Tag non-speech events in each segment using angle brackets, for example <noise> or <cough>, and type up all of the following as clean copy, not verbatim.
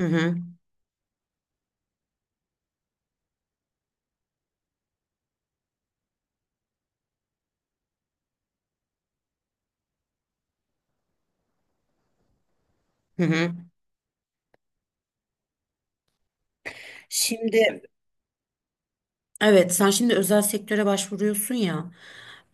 Hı hı, hı hı. Şimdi evet sen şimdi özel sektöre başvuruyorsun ya.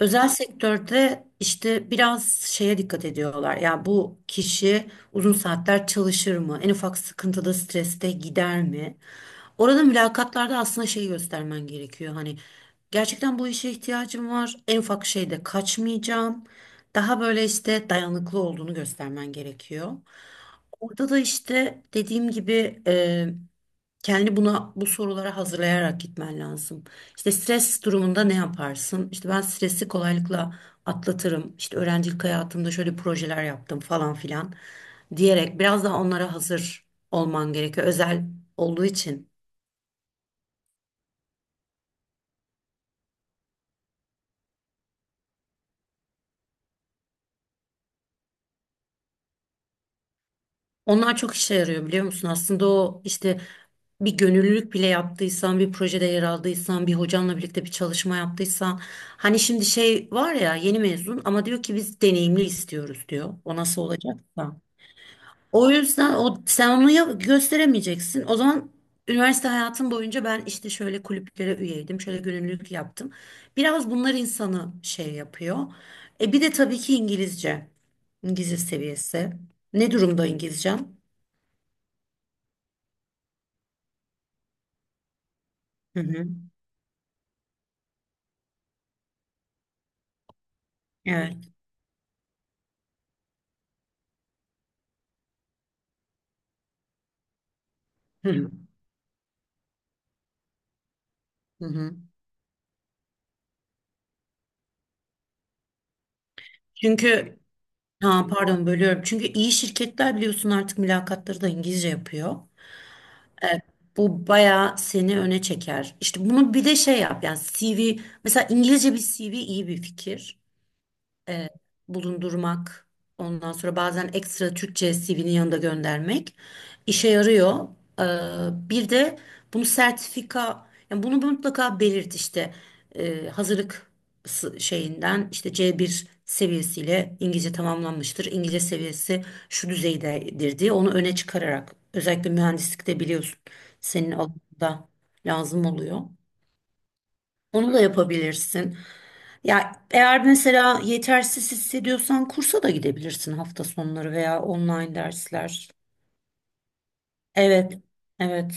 Özel sektörde işte biraz şeye dikkat ediyorlar. Ya bu kişi uzun saatler çalışır mı? En ufak sıkıntıda, streste gider mi? Orada mülakatlarda aslında şey göstermen gerekiyor. Hani gerçekten bu işe ihtiyacım var. En ufak şeyde kaçmayacağım. Daha böyle işte dayanıklı olduğunu göstermen gerekiyor. Orada da işte dediğim gibi kendi buna bu sorulara hazırlayarak gitmen lazım. İşte stres durumunda ne yaparsın? İşte ben stresi kolaylıkla atlatırım. İşte öğrencilik hayatımda şöyle projeler yaptım falan filan diyerek biraz daha onlara hazır olman gerekiyor. Özel olduğu için. Onlar çok işe yarıyor biliyor musun? Aslında o işte bir gönüllülük bile yaptıysan, bir projede yer aldıysan, bir hocanla birlikte bir çalışma yaptıysan. Hani şimdi şey var ya yeni mezun ama diyor ki biz deneyimli istiyoruz diyor. O nasıl olacaksa. O yüzden o sen onu ya- gösteremeyeceksin. O zaman üniversite hayatım boyunca ben işte şöyle kulüplere üyeydim, şöyle gönüllülük yaptım. Biraz bunlar insanı şey yapıyor. E bir de tabii ki İngilizce. İngilizce seviyesi. Ne durumda İngilizcem? Hı hı. Evet. Hı hı. Hı hı. Çünkü ha pardon bölüyorum. Çünkü iyi şirketler biliyorsun artık mülakatları da İngilizce yapıyor. Evet, bu bayağı seni öne çeker. İşte bunu bir de şey yap yani CV mesela, İngilizce bir CV iyi bir fikir, e, bulundurmak. Ondan sonra bazen ekstra Türkçe CV'nin yanında göndermek işe yarıyor. Bir de bunu sertifika, yani bunu mutlaka belirt işte. Hazırlık s- şeyinden işte c bir seviyesiyle İngilizce tamamlanmıştır. İngilizce seviyesi şu düzeydedir diye onu öne çıkararak özellikle mühendislikte biliyorsun senin alanında lazım oluyor. Onu da yapabilirsin. Ya eğer mesela yetersiz hissediyorsan kursa da gidebilirsin hafta sonları veya online dersler. Evet, evet.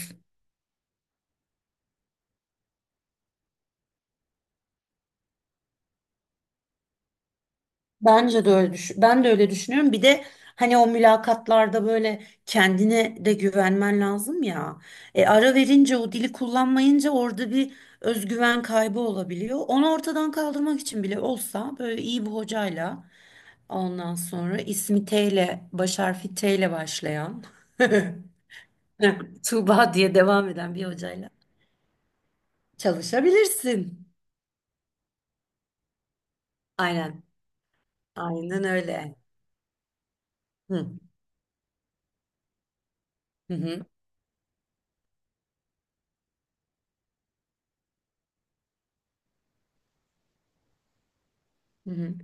Bence de öyle düş ben de öyle düşünüyorum. Bir de hani o mülakatlarda böyle kendine de güvenmen lazım ya. E, ara verince o dili kullanmayınca orada bir özgüven kaybı olabiliyor. Onu ortadan kaldırmak için bile olsa böyle iyi bir hocayla ondan sonra ismi T ile baş harfi T ile başlayan <laughs> <laughs> Tuğba diye devam eden bir hocayla çalışabilirsin. Aynen. Aynen öyle. Hı. Hı hı. Hı hı.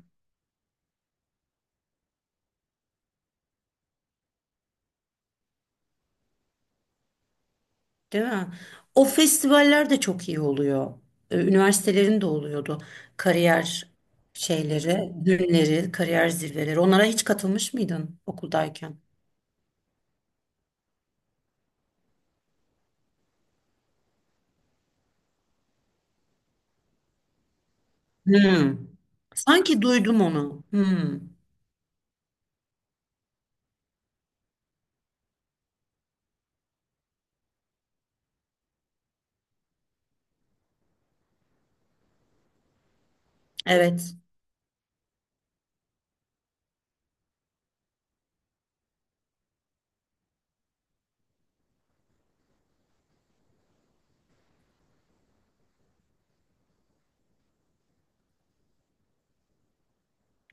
Değil mi? O festivaller de çok iyi oluyor. Üniversitelerin de oluyordu. Kariyer şeyleri, günleri, kariyer zirveleri. Onlara hiç katılmış mıydın okuldayken? Hı. Sanki duydum onu. Hı. Evet.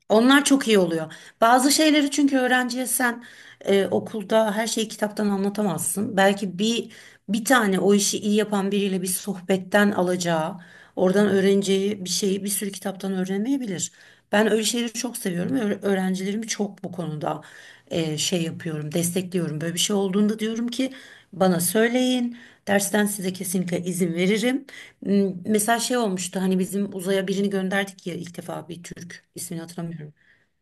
Onlar çok iyi oluyor. Bazı şeyleri çünkü öğrenciye sen okulda her şeyi kitaptan anlatamazsın. Belki bir bir tane o işi iyi yapan biriyle bir sohbetten alacağı, oradan öğreneceği bir şeyi bir sürü kitaptan öğrenemeyebilir. Ben öyle şeyleri çok seviyorum. Öğrencilerimi çok bu konuda şey yapıyorum, destekliyorum. Böyle bir şey olduğunda diyorum ki bana söyleyin. Dersten size kesinlikle izin veririm. M- Mesela şey olmuştu hani bizim uzaya birini gönderdik ya ilk defa bir Türk, ismini hatırlamıyorum.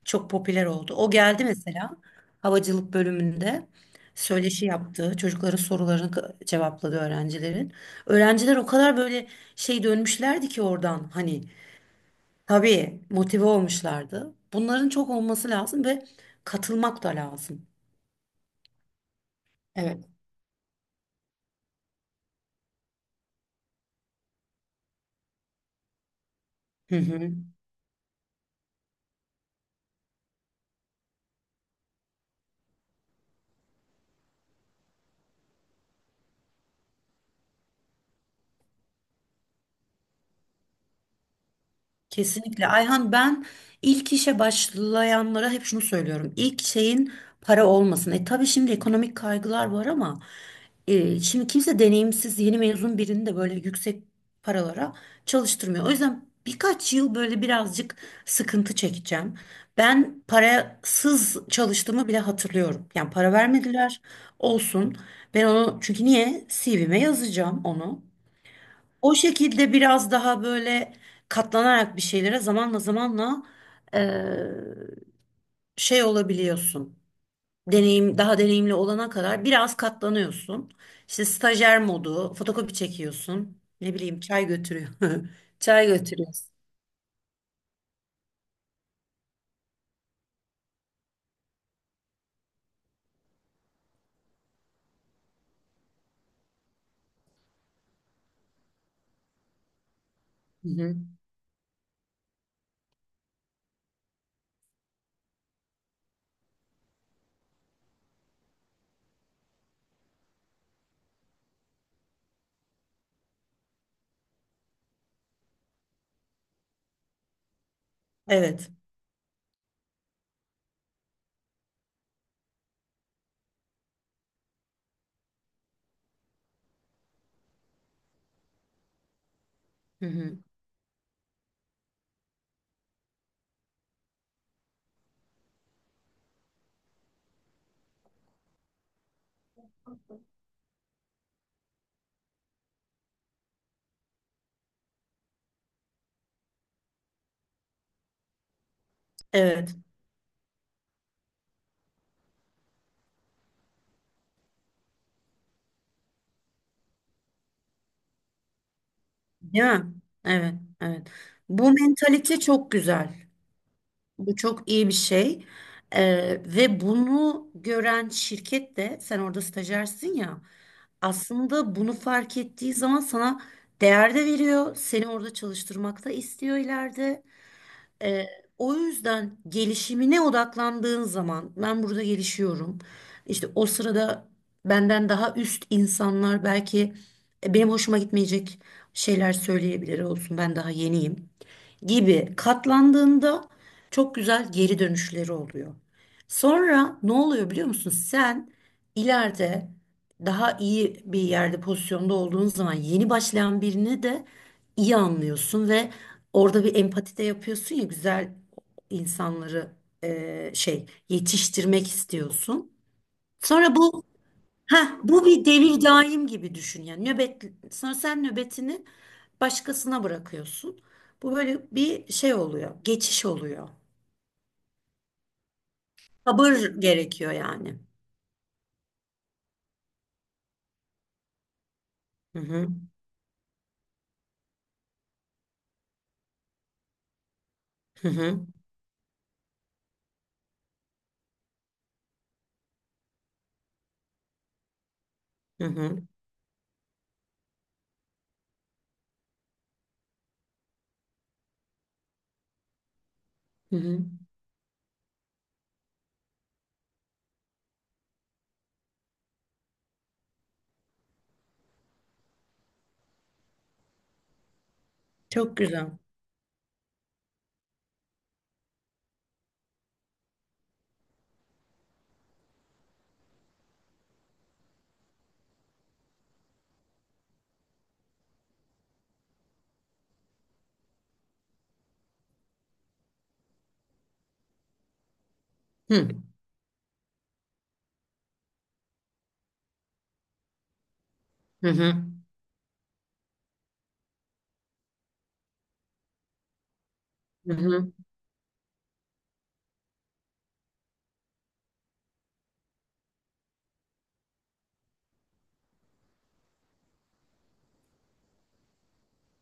Çok popüler oldu. O geldi mesela havacılık bölümünde söyleşi yaptı. Çocukların sorularını k- cevapladı öğrencilerin. Öğrenciler o kadar böyle şey dönmüşlerdi ki oradan hani tabii motive olmuşlardı. Bunların çok olması lazım ve katılmak da lazım. Evet. Hı hı. Kesinlikle. Ayhan, ben ilk işe başlayanlara hep şunu söylüyorum. İlk şeyin para olmasın. E tabii şimdi ekonomik kaygılar var ama şimdi kimse deneyimsiz yeni mezun birini de böyle yüksek paralara çalıştırmıyor. O yüzden birkaç yıl böyle birazcık sıkıntı çekeceğim. Ben parasız çalıştığımı bile hatırlıyorum. Yani para vermediler olsun. Ben onu çünkü niye? CV'me yazacağım onu. O şekilde biraz daha böyle katlanarak bir şeylere zamanla zamanla, eee, şey olabiliyorsun. Deneyim daha deneyimli olana kadar biraz katlanıyorsun. İşte stajyer modu, fotokopi çekiyorsun. Ne bileyim çay götürüyor. <laughs> Çay götürüyorsun. Hı hı. Evet. Hı hı. Evet. Değil mi? Evet, evet. Bu mentalite çok güzel. Bu çok iyi bir şey. Ve bunu gören şirket de sen orada stajyersin ya, aslında bunu fark ettiği zaman sana değer de veriyor. Seni orada çalıştırmak da istiyor ileride. Ee, O yüzden gelişimine odaklandığın zaman ben burada gelişiyorum. İşte o sırada benden daha üst insanlar belki benim hoşuma gitmeyecek şeyler söyleyebilir, olsun ben daha yeniyim gibi katlandığında çok güzel geri dönüşleri oluyor. Sonra ne oluyor biliyor musun? Sen ileride daha iyi bir yerde, pozisyonda olduğun zaman yeni başlayan birini de iyi anlıyorsun ve orada bir empati de yapıyorsun ya, güzel insanları şey yetiştirmek istiyorsun. Sonra bu, ha bu bir devir daim gibi düşün, yani nöbet, sonra sen nöbetini başkasına bırakıyorsun. Bu böyle bir şey oluyor, geçiş oluyor. Sabır gerekiyor yani. Hı hı. Hı hı. Hı hı. Hı hı. Çok güzel. Hı hı. Hı hı. Hı hı.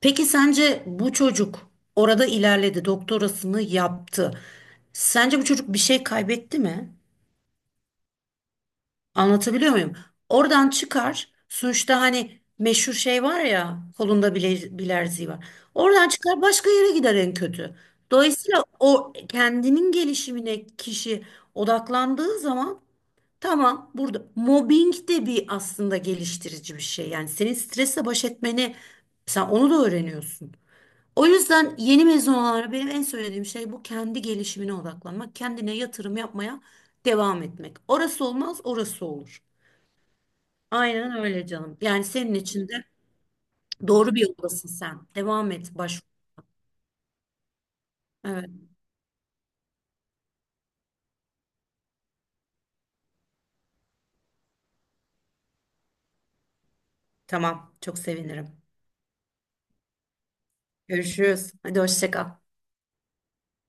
Peki sence bu çocuk orada ilerledi, doktorasını yaptı. Sence bu çocuk bir şey kaybetti mi? Anlatabiliyor muyum? Oradan çıkar. Sonuçta hani meşhur şey var ya, kolunda bile bilerziği var. Oradan çıkar başka yere gider en kötü. Dolayısıyla o kendinin gelişimine kişi odaklandığı zaman tamam, burada mobbing de bir aslında geliştirici bir şey. Yani senin stresle baş etmeni sen onu da öğreniyorsun. O yüzden yeni mezun olanlara benim en söylediğim şey bu, kendi gelişimine odaklanmak, kendine yatırım yapmaya devam etmek. Orası olmaz, orası olur. Aynen öyle canım. Yani senin için de doğru bir yoldasın sen. Devam et, baş. Evet, tamam. Çok sevinirim. Görüşürüz. Hadi hoşça kal.